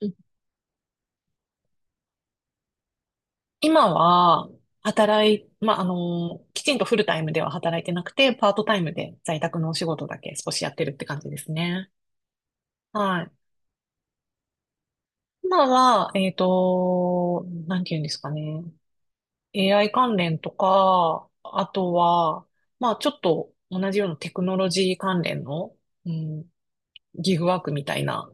うん今は、働い、まあ、あの、きちんとフルタイムでは働いてなくて、パートタイムで在宅のお仕事だけ少しやってるって感じですね。はい。今は、なんて言うんですかね。AI 関連とか、あとは、まあ、ちょっと同じようなテクノロジー関連の、うん、ギグワークみたいな、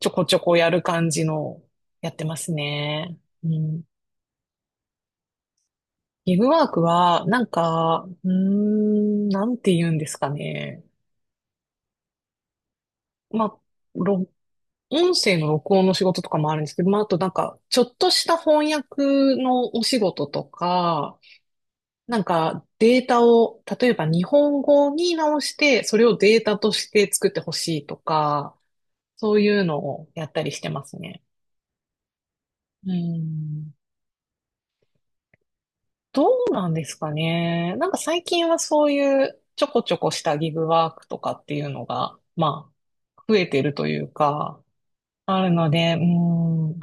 ちょこちょこやる感じの、やってますね。うんギブワークは、なんて言うんですかね。まあ、ろ音声の録音の仕事とかもあるんですけど、まあ、あとなんか、ちょっとした翻訳のお仕事とか、なんか、データを、例えば日本語に直して、それをデータとして作ってほしいとか、そういうのをやったりしてますね。うん。どうなんですかね。なんか最近はそういうちょこちょこしたギグワークとかっていうのが、増えてるというか、あるので、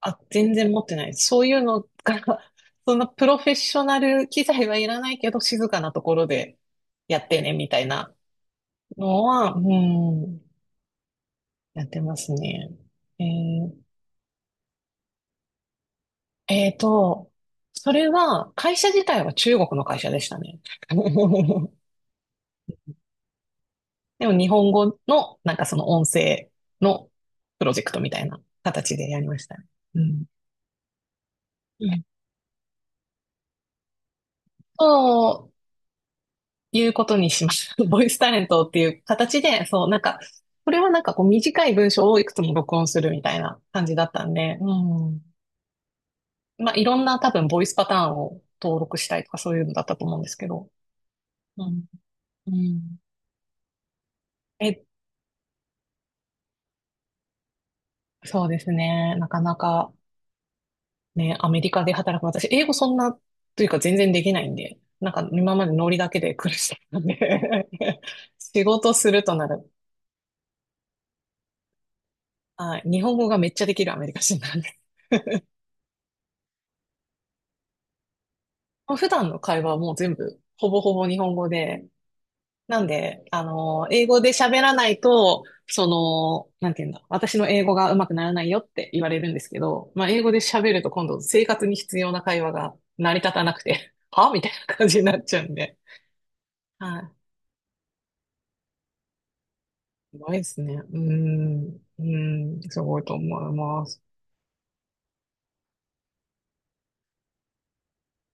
あ、全然持ってないです。そういうのが、そんなプロフェッショナル機材はいらないけど、静かなところでやってね、みたいなのは、ん、やってますね。えーえーと、それは、会社自体は中国の会社でしたね。でも日本語の、なんかその音声のプロジェクトみたいな形でやりましたね。うん。うんそういうことにしました。ボイスタレントっていう形で、そう、なんか、これはなんかこう短い文章をいくつも録音するみたいな感じだったんで、うん。いろんな多分ボイスパターンを登録したいとかそういうのだったと思うんですけど、うん。うん。え、そうですね。なかなかね、アメリカで働く私、英語そんな、というか全然できないんで、なんか今までノリだけで苦しかったんで 仕事するとなる。はい。日本語がめっちゃできるアメリカ人なんです。もう普段の会話はもう全部、ほぼほぼ日本語で、なんで、英語で喋らないと、その、なんていうんだ、私の英語が上手くならないよって言われるんですけど、英語で喋ると今度生活に必要な会話が成り立たなくて、はみたいな感じになっちゃうんで。はい。ないですね。うん、すごいと思います。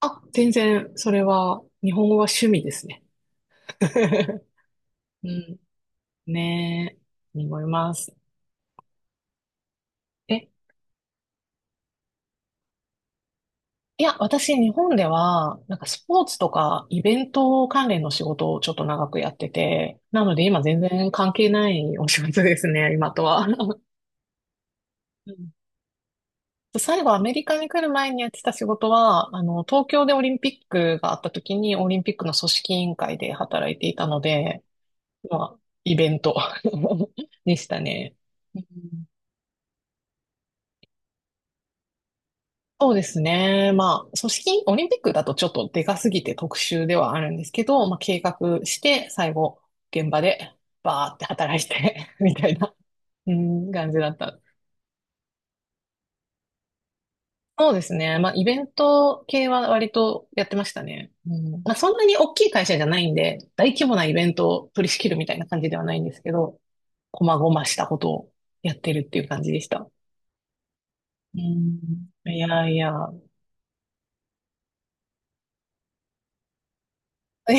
全然、それは、日本語は趣味ですね。うん、ねえ、思います。え、私、日本では、なんかスポーツとかイベント関連の仕事をちょっと長くやってて、なので今全然関係ないお仕事ですね、今とは。うん最後、アメリカに来る前にやってた仕事は、東京でオリンピックがあった時に、オリンピックの組織委員会で働いていたので、まあ、イベント でしたね。うんそうですね。オリンピックだとちょっとでかすぎて特殊ではあるんですけど、まあ、計画して、最後、現場で、バーって働いて みたいな、うん、感じだった。そうですね。まあ、イベント系は割とやってましたね。そんなに大きい会社じゃないんで、大規模なイベントを取り仕切るみたいな感じではないんですけど、細々したことをやってるっていう感じでした。うん、いやいや。いや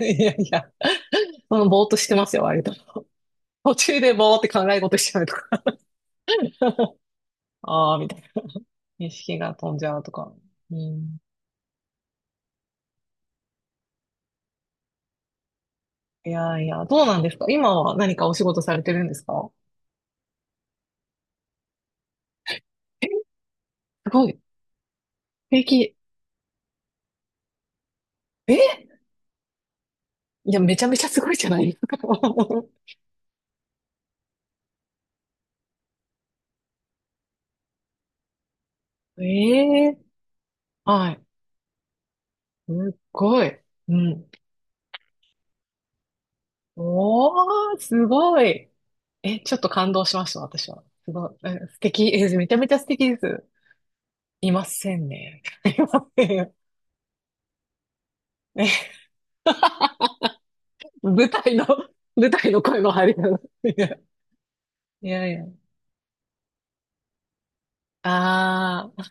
いや いや、ぼーっとしてますよ、割と。途中でぼーって考え事しちゃうとか。ああ、みたいな。意識が飛んじゃうとか。うん。いやいや、どうなんですか？今は何かお仕事されてるんですか？え、すごい。素敵。え、いや、めちゃめちゃすごいじゃないですか。ええ、はい。すっごい。うん。おー、すごい。え、ちょっと感動しました、私は。すごい。え、素敵。え、めちゃめちゃ素敵です。いませんね。いませんよ。ね、舞台の、舞台の声の入りなの。いやいやいや。ああ、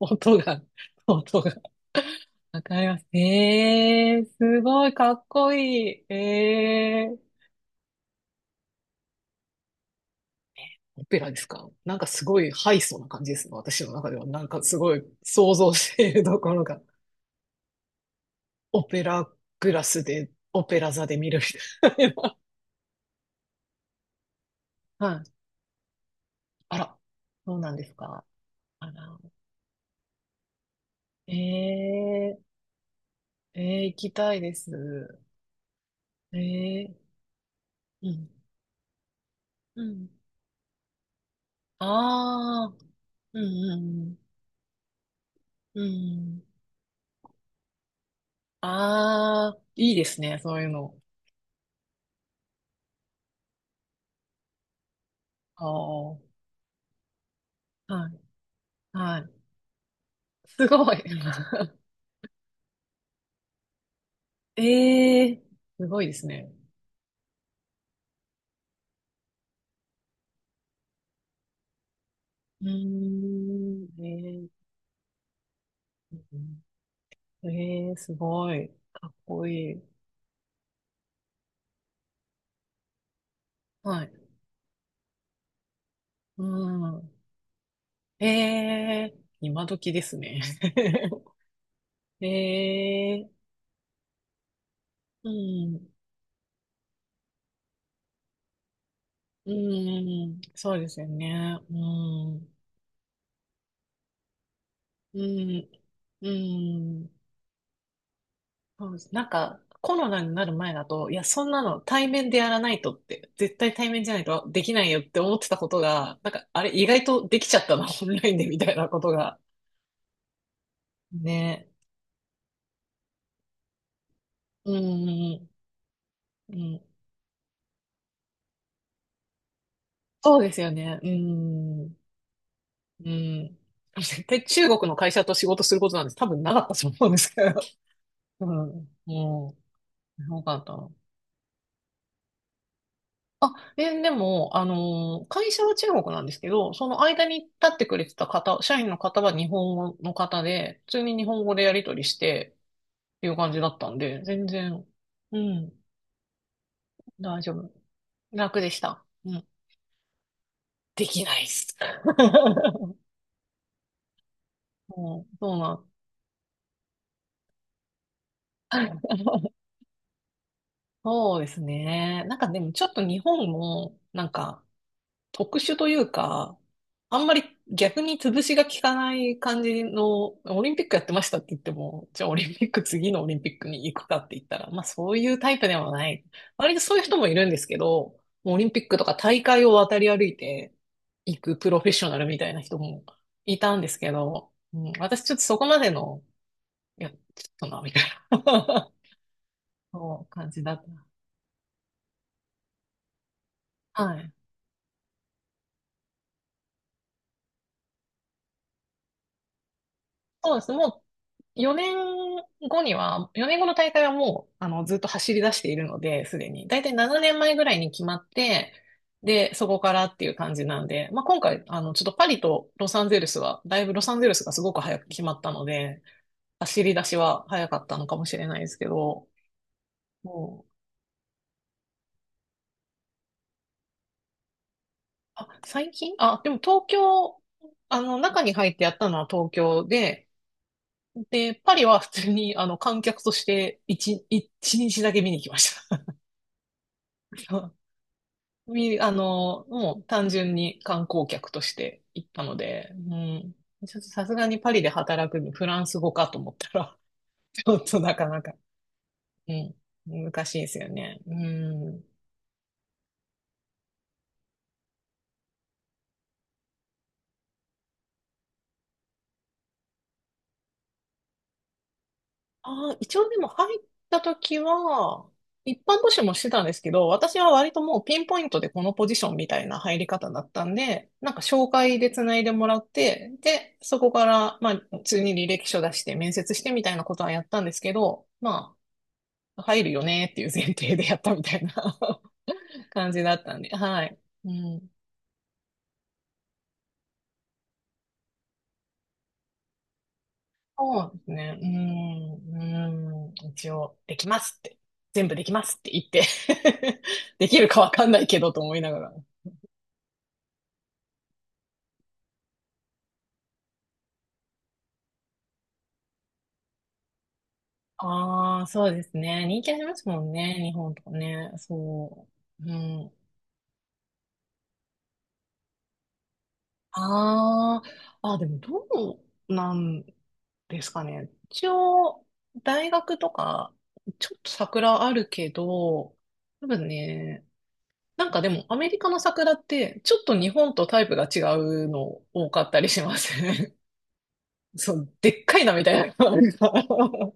音が、音が。わかります。ええ、すごい、かっこいい。えー。オペラですか？なんかすごいハイソな感じですね。私の中では。なんかすごい想像しているところが。オペラグラスで、オペラ座で見るみたいな。はい。あら、そうなんですか。あら、ええ、ええ、行きたいです。ええ、うん。うん。ああ、うんうんうん。うん。ああ、いいですね、そういうの。ああ、はい、はい。すごい。ええ、すごいですね。うーん、ええ、ええ、すごい。かっこいい。はい。うん。ええ、今時ですね。ええ、うん。うん、そうですよね。うん、うん、うん。そうです。なんか、コロナになる前だと、いや、そんなの対面でやらないとって、絶対対面じゃないとできないよって思ってたことが、なんか、あれ、意外とできちゃったな、オンラインでみたいなことが。ね。うん、うん。そうですよね。うん、うん。絶対中国の会社と仕事することなんて多分なかったと思うんですけど。うん、もよかった。でも、会社は中国なんですけど、その間に立ってくれてた方、社員の方は日本語の方で、普通に日本語でやり取りしてっていう感じだったんで、全然、うん、大丈夫。楽でした。うん。できないっす。もうそうなん。そうですね。なんかでもちょっと日本も、特殊というか、あんまり逆に潰しが効かない感じの、オリンピックやってましたって言っても、じゃあオリンピック次のオリンピックに行くかって言ったら、まあそういうタイプではない。割とそういう人もいるんですけど、もうオリンピックとか大会を渡り歩いていくプロフェッショナルみたいな人もいたんですけど、うん、私ちょっとそこまでの、いや、ちょっとな、みたいな そう感じだった。はい。そうです。もう4年後には、4年後の大会はもう、ずっと走り出しているので、すでに。だいたい7年前ぐらいに決まって、で、そこからっていう感じなんで、まあ、今回、あの、ちょっとパリとロサンゼルスは、だいぶロサンゼルスがすごく早く決まったので、走り出しは早かったのかもしれないですけど、もう、あ、最近あ、でも東京、中に入ってやったのは東京で、で、パリは普通に、観客として1、一日だけ見に来ました。み、あの、もう単純に観光客として行ったので、うん。ちょっとさすがにパリで働くにフランス語かと思ったら、ちょっとなかなか、うん、難しいですよね。うん。あ、一応でも入った時は、一般募集もしてたんですけど、私は割ともうピンポイントでこのポジションみたいな入り方だったんで、なんか紹介で繋いでもらって、で、そこから、まあ、普通に履歴書出して面接してみたいなことはやったんですけど、まあ、入るよねっていう前提でやったみたいな 感じだったんで、はい。うん。そうですね。うん、一応、できますって。全部できますって言って できるかわかんないけどと思いながら。ああ、そうですね。人気ありますもんね、日本とかね。そう。うん。ああ、あ、でもどうなんですかね。一応、大学とか、ちょっと桜あるけど、多分ね、なんかでも、アメリカの桜って、ちょっと日本とタイプが違うの多かったりしますね。そう、でっかいなみたいな。なんか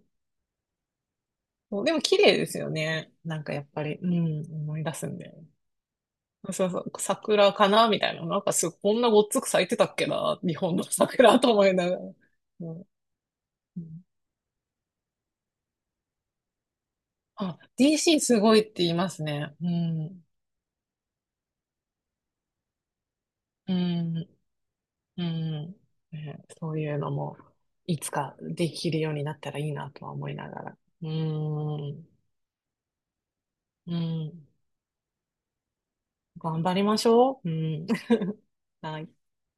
そうでも綺麗ですよね。なんかやっぱり、うん、思い出すんで。そうそう、桜かなみたいな。なんかすごい、こんなごっつく咲いてたっけな日本の桜と思いながら。うんうんあ、DC すごいって言いますね。うん。うん。うん。ね、そういうのも、いつかできるようになったらいいなとは思いながら。うん。うん。頑張りましょう。うん。はい